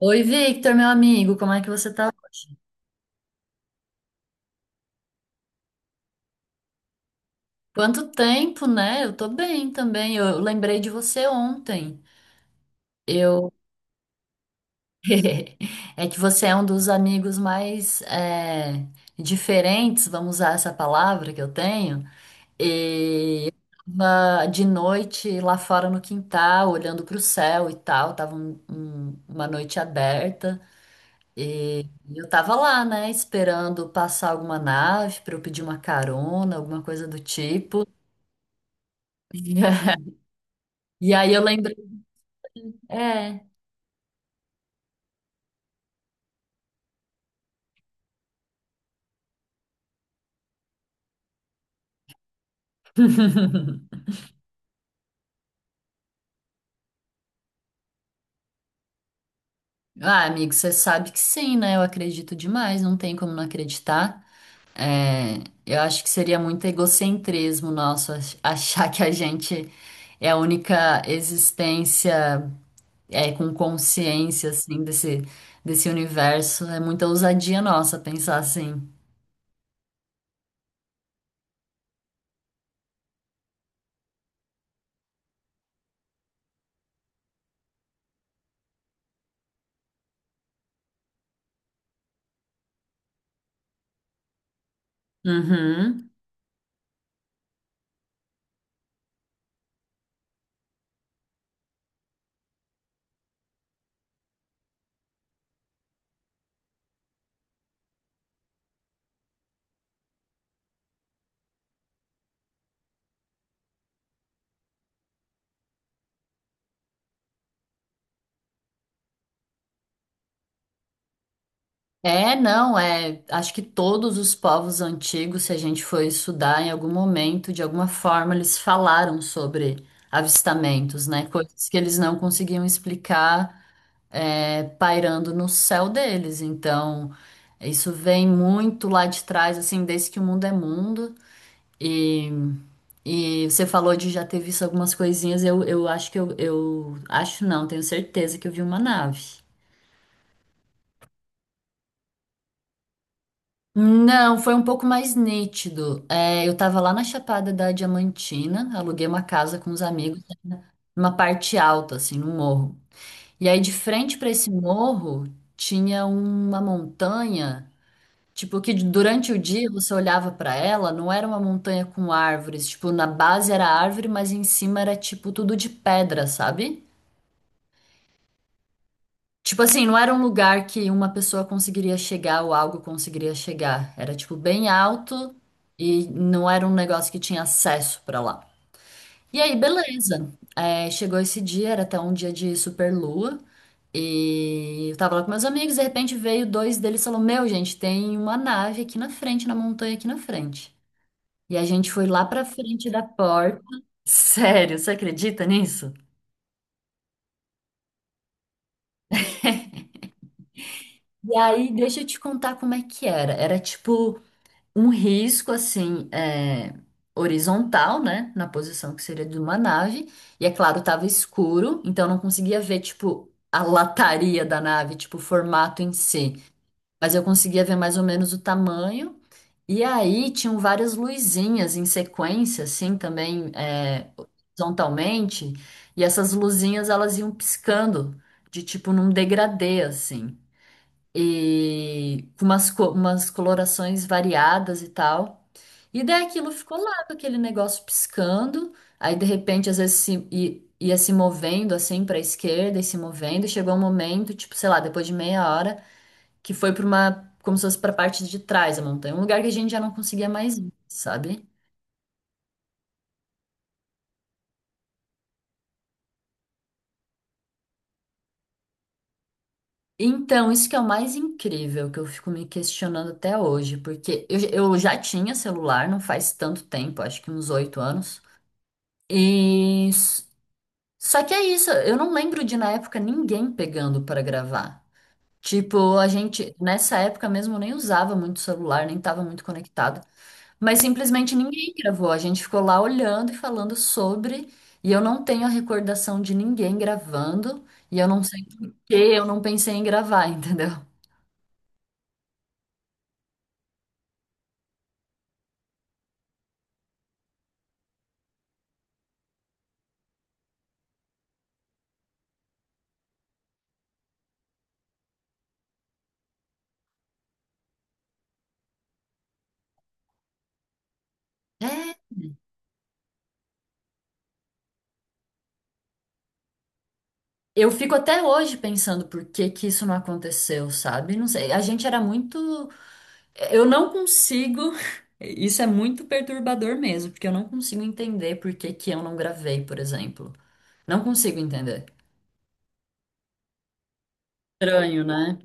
Oi, Victor, meu amigo, como é que você tá? Quanto tempo, né? Eu tô bem também. Eu lembrei de você ontem. Eu É que você é um dos amigos mais diferentes, vamos usar essa palavra que eu tenho. E tava de noite lá fora no quintal, olhando pro céu e tal. Tava uma noite aberta e eu tava lá, né? Esperando passar alguma nave para eu pedir uma carona, alguma coisa do tipo. E aí eu lembrei, é, ah, amigo, você sabe que sim, né? Eu acredito demais, não tem como não acreditar. É, eu acho que seria muito egocentrismo nosso achar que a gente é a única existência com consciência, assim, desse universo. É muita ousadia nossa pensar assim. Uhum. É, não, é. Acho que todos os povos antigos, se a gente for estudar em algum momento, de alguma forma, eles falaram sobre avistamentos, né? Coisas que eles não conseguiam explicar, é, pairando no céu deles. Então, isso vem muito lá de trás, assim, desde que o mundo é mundo. E, e você falou de já ter visto algumas coisinhas, eu acho que eu acho não, tenho certeza que eu vi uma nave. Não, foi um pouco mais nítido. É, eu tava lá na Chapada da Diamantina, aluguei uma casa com os amigos, né, numa parte alta, assim, num morro. E aí, de frente para esse morro, tinha uma montanha, tipo, que durante o dia você olhava para ela, não era uma montanha com árvores, tipo, na base era árvore, mas em cima era, tipo, tudo de pedra, sabe? Tipo assim, não era um lugar que uma pessoa conseguiria chegar ou algo conseguiria chegar. Era tipo bem alto e não era um negócio que tinha acesso pra lá. E aí, beleza. É, chegou esse dia, era até um dia de super lua. E eu tava lá com meus amigos, de repente veio dois deles e falou: Meu, gente, tem uma nave aqui na frente, na montanha aqui na frente. E a gente foi lá pra frente da porta. Sério, você acredita nisso? E aí, deixa eu te contar como é que era. Era tipo um risco assim é, horizontal, né, na posição que seria de uma nave, e é claro, tava escuro, então eu não conseguia ver tipo a lataria da nave, tipo o formato em si, mas eu conseguia ver mais ou menos o tamanho. E aí tinham várias luzinhas em sequência, assim, também é, horizontalmente, e essas luzinhas elas iam piscando de tipo num degradê, assim e com umas colorações variadas e tal. E daí aquilo ficou lá com aquele negócio piscando, aí de repente às vezes ia se movendo assim para a esquerda e se movendo, e chegou um momento, tipo, sei lá, depois de meia hora, que foi para uma, como se fosse para a parte de trás da montanha, um lugar que a gente já não conseguia mais ir, sabe? Então, isso que é o mais incrível, que eu fico me questionando até hoje, porque eu já tinha celular, não faz tanto tempo, acho que uns oito anos. E Só que é isso, eu não lembro de na época ninguém pegando para gravar. Tipo, a gente nessa época mesmo nem usava muito celular, nem estava muito conectado, mas simplesmente ninguém gravou. A gente ficou lá olhando e falando sobre, e eu não tenho a recordação de ninguém gravando, e eu não sei por que eu não pensei em gravar, entendeu? É, eu fico até hoje pensando por que que isso não aconteceu, sabe? Não sei, a gente era muito Eu não consigo. Isso é muito perturbador mesmo, porque eu não consigo entender por que que eu não gravei, por exemplo. Não consigo entender. Estranho, né?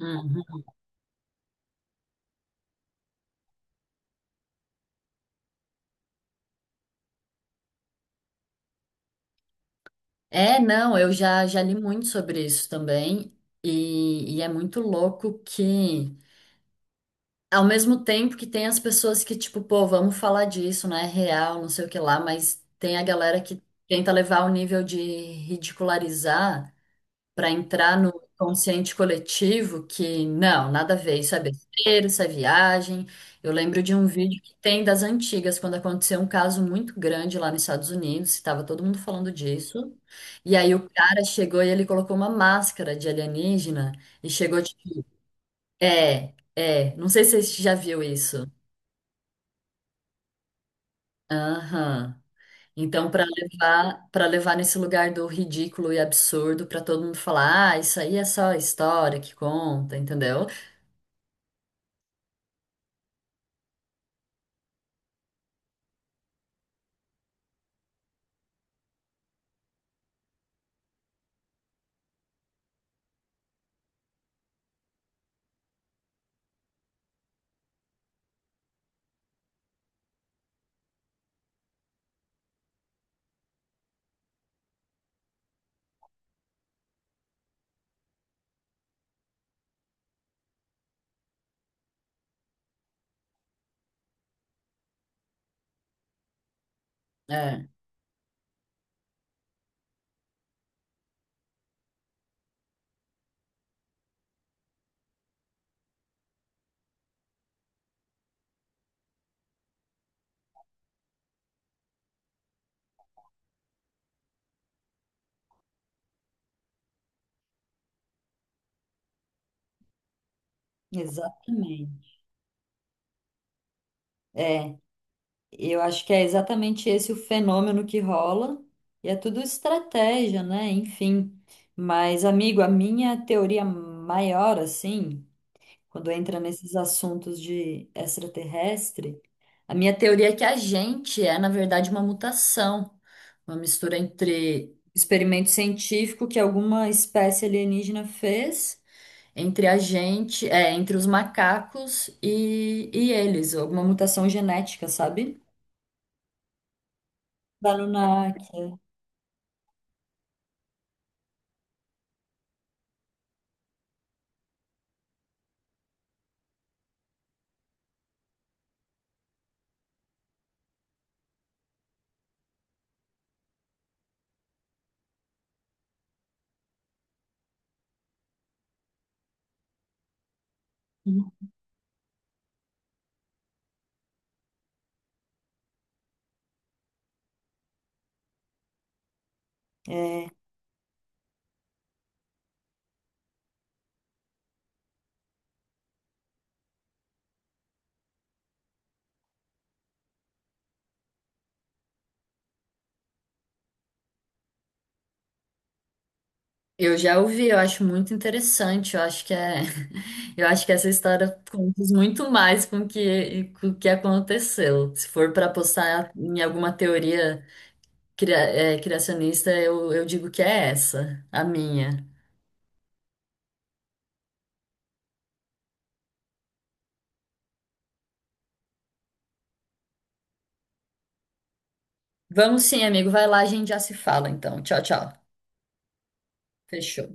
Uhum. É, não, eu já li muito sobre isso também, e é muito louco que, ao mesmo tempo que tem as pessoas que, tipo, pô, vamos falar disso, né? É real, não sei o que lá, mas tem a galera que tenta levar o nível de ridicularizar para entrar no consciente coletivo que não, nada a ver, isso é besteira, isso é viagem. Eu lembro de um vídeo que tem das antigas, quando aconteceu um caso muito grande lá nos Estados Unidos, estava todo mundo falando disso. E aí o cara chegou e ele colocou uma máscara de alienígena e chegou tipo, não sei se você já viu isso. Aham. Então, para levar nesse lugar do ridículo e absurdo, para todo mundo falar, ah, isso aí é só história que conta, entendeu? É, exatamente. É, eu acho que é exatamente esse o fenômeno que rola, e é tudo estratégia, né? Enfim. Mas, amigo, a minha teoria maior, assim, quando entra nesses assuntos de extraterrestre, a minha teoria é que a gente é, na verdade, uma mutação, uma mistura entre experimento científico que alguma espécie alienígena fez entre a gente, é, entre os macacos e eles, alguma mutação genética, sabe? Anunnaki. Eu já ouvi, eu acho muito interessante, eu acho que é, eu acho que essa história conta muito mais com com o que aconteceu. Se for para apostar em alguma teoria cria- criacionista, eu digo que é essa, a minha. Vamos sim, amigo, vai lá, a gente já se fala então. Tchau, tchau. Fechou.